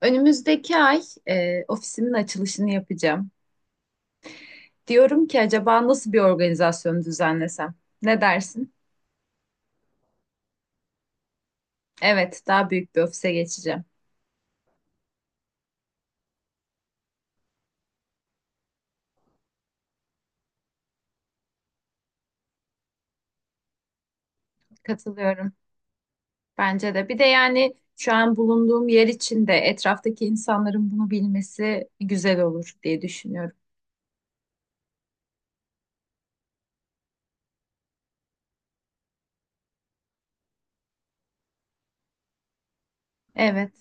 Önümüzdeki ay ofisimin açılışını yapacağım. Diyorum ki acaba nasıl bir organizasyon düzenlesem? Ne dersin? Evet, daha büyük bir ofise geçeceğim. Katılıyorum. Bence de. Bir de yani şu an bulunduğum yer için de etraftaki insanların bunu bilmesi güzel olur diye düşünüyorum. Evet.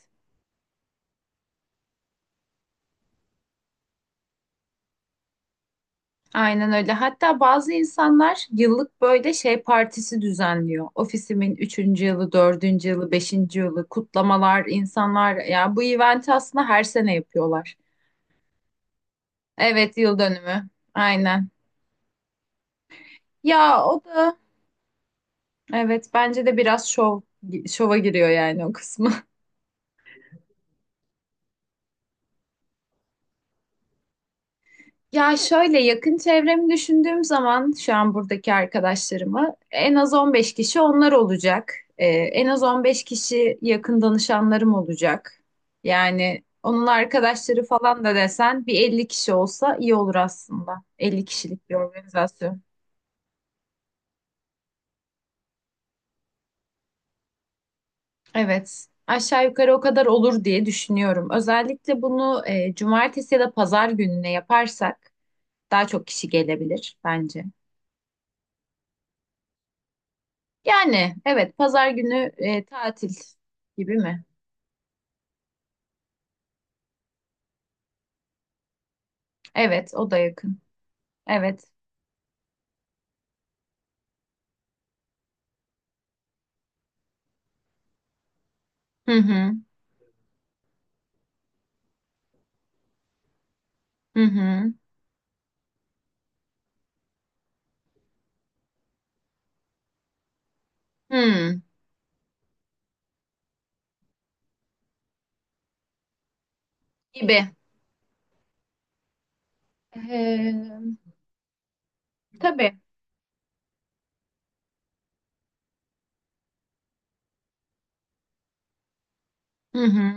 Aynen öyle. Hatta bazı insanlar yıllık böyle şey partisi düzenliyor. Ofisimin üçüncü yılı, dördüncü yılı, beşinci yılı kutlamalar, insanlar yani bu eventi aslında her sene yapıyorlar. Evet, yıl dönümü. Aynen. Ya o da evet, bence de biraz şov şova giriyor yani o kısmı. Ya şöyle yakın çevremi düşündüğüm zaman şu an buradaki arkadaşlarımı en az 15 kişi onlar olacak. En az 15 kişi yakın danışanlarım olacak. Yani onun arkadaşları falan da desen bir 50 kişi olsa iyi olur aslında. 50 kişilik bir organizasyon. Evet. Aşağı yukarı o kadar olur diye düşünüyorum. Özellikle bunu cumartesi ya da pazar gününe yaparsak daha çok kişi gelebilir bence. Yani evet, pazar günü tatil gibi mi? Evet, o da yakın. Evet. Hı hı. Hı hı. Hı. Gibi. Ee, tabii. Hı hı.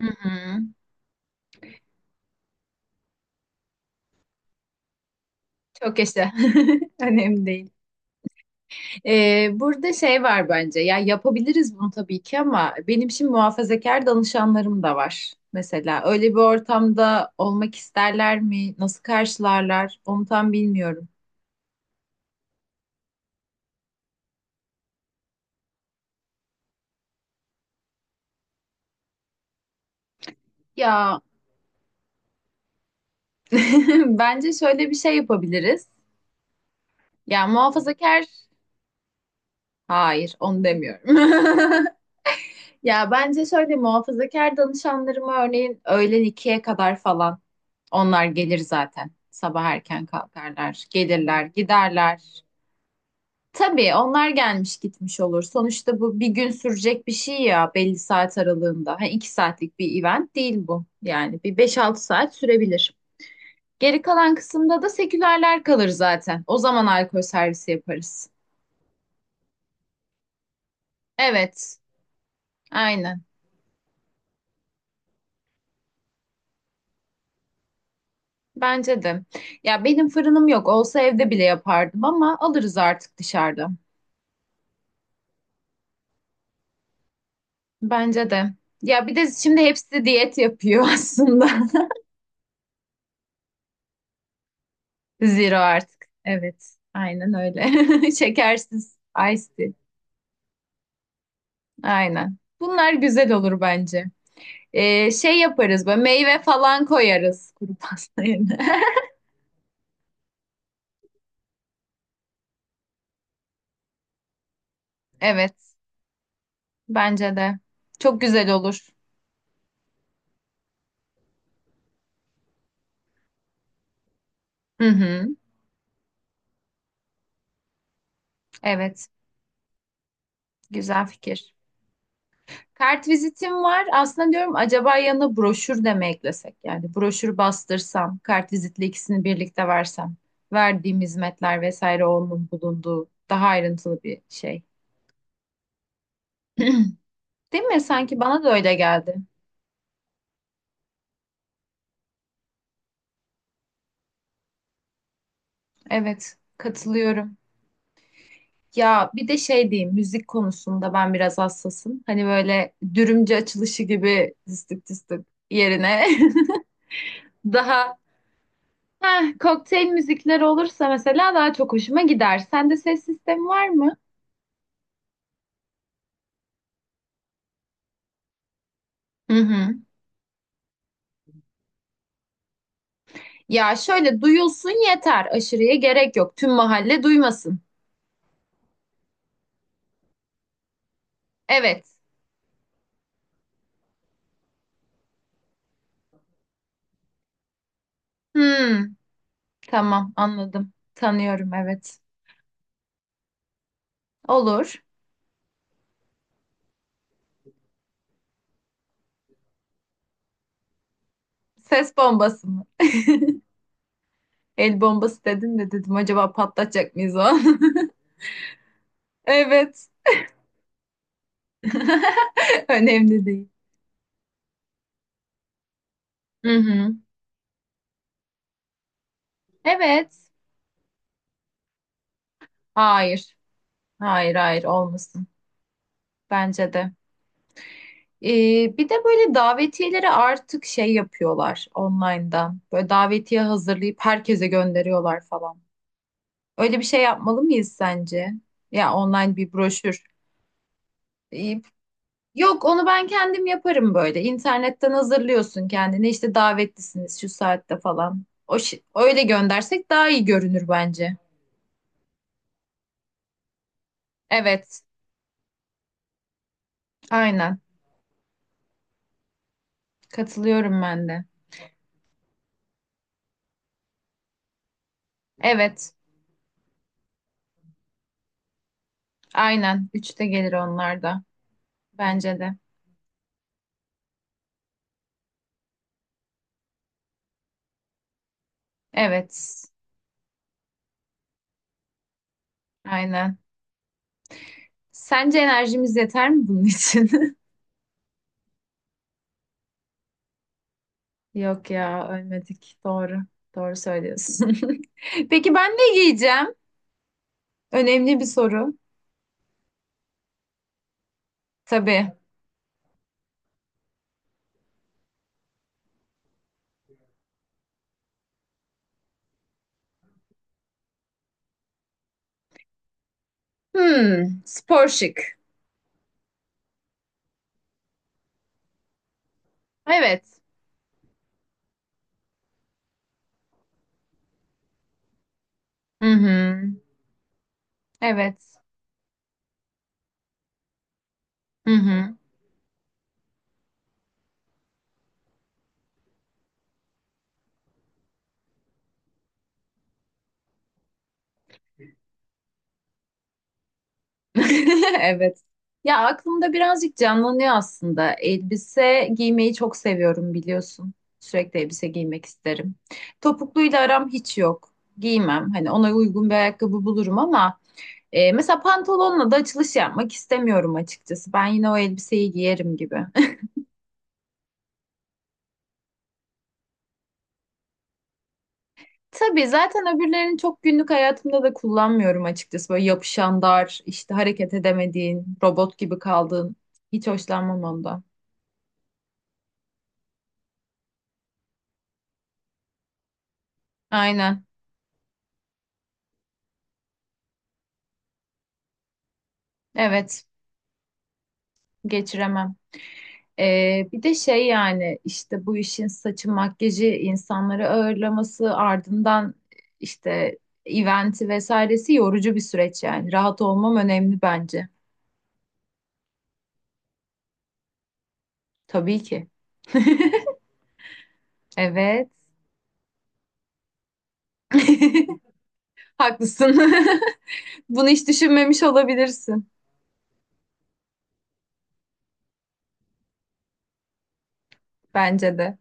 Hı hı. Çok yaşa. Önemli değil. Burada şey var bence. Ya yapabiliriz bunu tabii ki ama benim şimdi muhafazakar danışanlarım da var. Mesela öyle bir ortamda olmak isterler mi? Nasıl karşılarlar? Onu tam bilmiyorum. Ya bence şöyle bir şey yapabiliriz. Ya muhafazakar, hayır onu demiyorum. Ya bence şöyle, muhafazakar danışanlarıma örneğin öğlen ikiye kadar falan onlar gelir zaten. Sabah erken kalkarlar, gelirler, giderler. Tabii onlar gelmiş gitmiş olur. Sonuçta bu bir gün sürecek bir şey ya, belli saat aralığında. Ha, iki saatlik bir event değil bu. Yani bir beş altı saat sürebilir. Geri kalan kısımda da sekülerler kalır zaten. O zaman alkol servisi yaparız. Evet, aynen. Bence de. Ya benim fırınım yok. Olsa evde bile yapardım ama alırız artık dışarıda. Bence de. Ya bir de şimdi hepsi diyet yapıyor aslında. Zero artık. Evet. Aynen öyle. Şekersiz ice tea. Aynen. Bunlar güzel olur bence. Şey yaparız böyle, meyve falan koyarız kuru pasta yerine. Evet. Bence de. Çok güzel olur. Hı hı. Evet. Güzel fikir. Kartvizitim var. Aslında diyorum acaba yanına broşür de mi eklesek? Yani broşür bastırsam, kartvizitle ikisini birlikte versem, verdiğim hizmetler vesaire onun bulunduğu daha ayrıntılı bir şey. Değil mi? Sanki bana da öyle geldi. Evet, katılıyorum. Ya bir de şey diyeyim, müzik konusunda ben biraz hassasım. Hani böyle dürümcü açılışı gibi tıstık tıstık yerine daha Heh, kokteyl müzikleri olursa mesela daha çok hoşuma gider. Sende ses sistemi var mı? Hı hı. Ya şöyle duyulsun yeter. Aşırıya gerek yok. Tüm mahalle duymasın. Evet. Hmm, tamam anladım. Tanıyorum, evet. Olur. Ses bombası mı? El bombası dedin de dedim acaba patlatacak mıyız o an? Evet. Önemli değil. Hı hı. Evet. Hayır. Hayır, hayır, olmasın. Bence de. Bir de böyle davetiyeleri artık şey yapıyorlar online'dan. Böyle davetiye hazırlayıp herkese gönderiyorlar falan. Öyle bir şey yapmalı mıyız sence? Ya online bir broşür. Ee, Yok, onu ben kendim yaparım böyle. İnternetten hazırlıyorsun kendine. İşte davetlisiniz şu saatte falan. Öyle göndersek daha iyi görünür bence. Evet, aynen. Katılıyorum ben de. Evet, aynen. Üçte gelir onlar da. Bence de. Evet, aynen. Sence enerjimiz yeter mi bunun için? Yok ya, ölmedik. Doğru. Doğru söylüyorsun. Peki ben ne giyeceğim? Önemli bir soru. Tabii. Hmm, spor şık. Evet. Hı hı. Evet. Hı hı. Evet. Ya aklımda birazcık canlanıyor aslında. Elbise giymeyi çok seviyorum biliyorsun. Sürekli elbise giymek isterim. Topukluyla aram hiç yok. Giymem. Hani ona uygun bir ayakkabı bulurum ama mesela pantolonla da açılış yapmak istemiyorum açıkçası. Ben yine o elbiseyi giyerim gibi. Tabii zaten öbürlerini çok günlük hayatımda da kullanmıyorum açıkçası. Böyle yapışan dar, işte hareket edemediğin, robot gibi kaldığın. Hiç hoşlanmam ondan. Aynen. Evet. Geçiremem. Bir de şey, yani işte bu işin saçı makyajı insanları ağırlaması ardından işte eventi vesairesi yorucu bir süreç yani. Rahat olmam önemli bence. Tabii ki. Evet. Haklısın. Bunu hiç düşünmemiş olabilirsin. Bence de.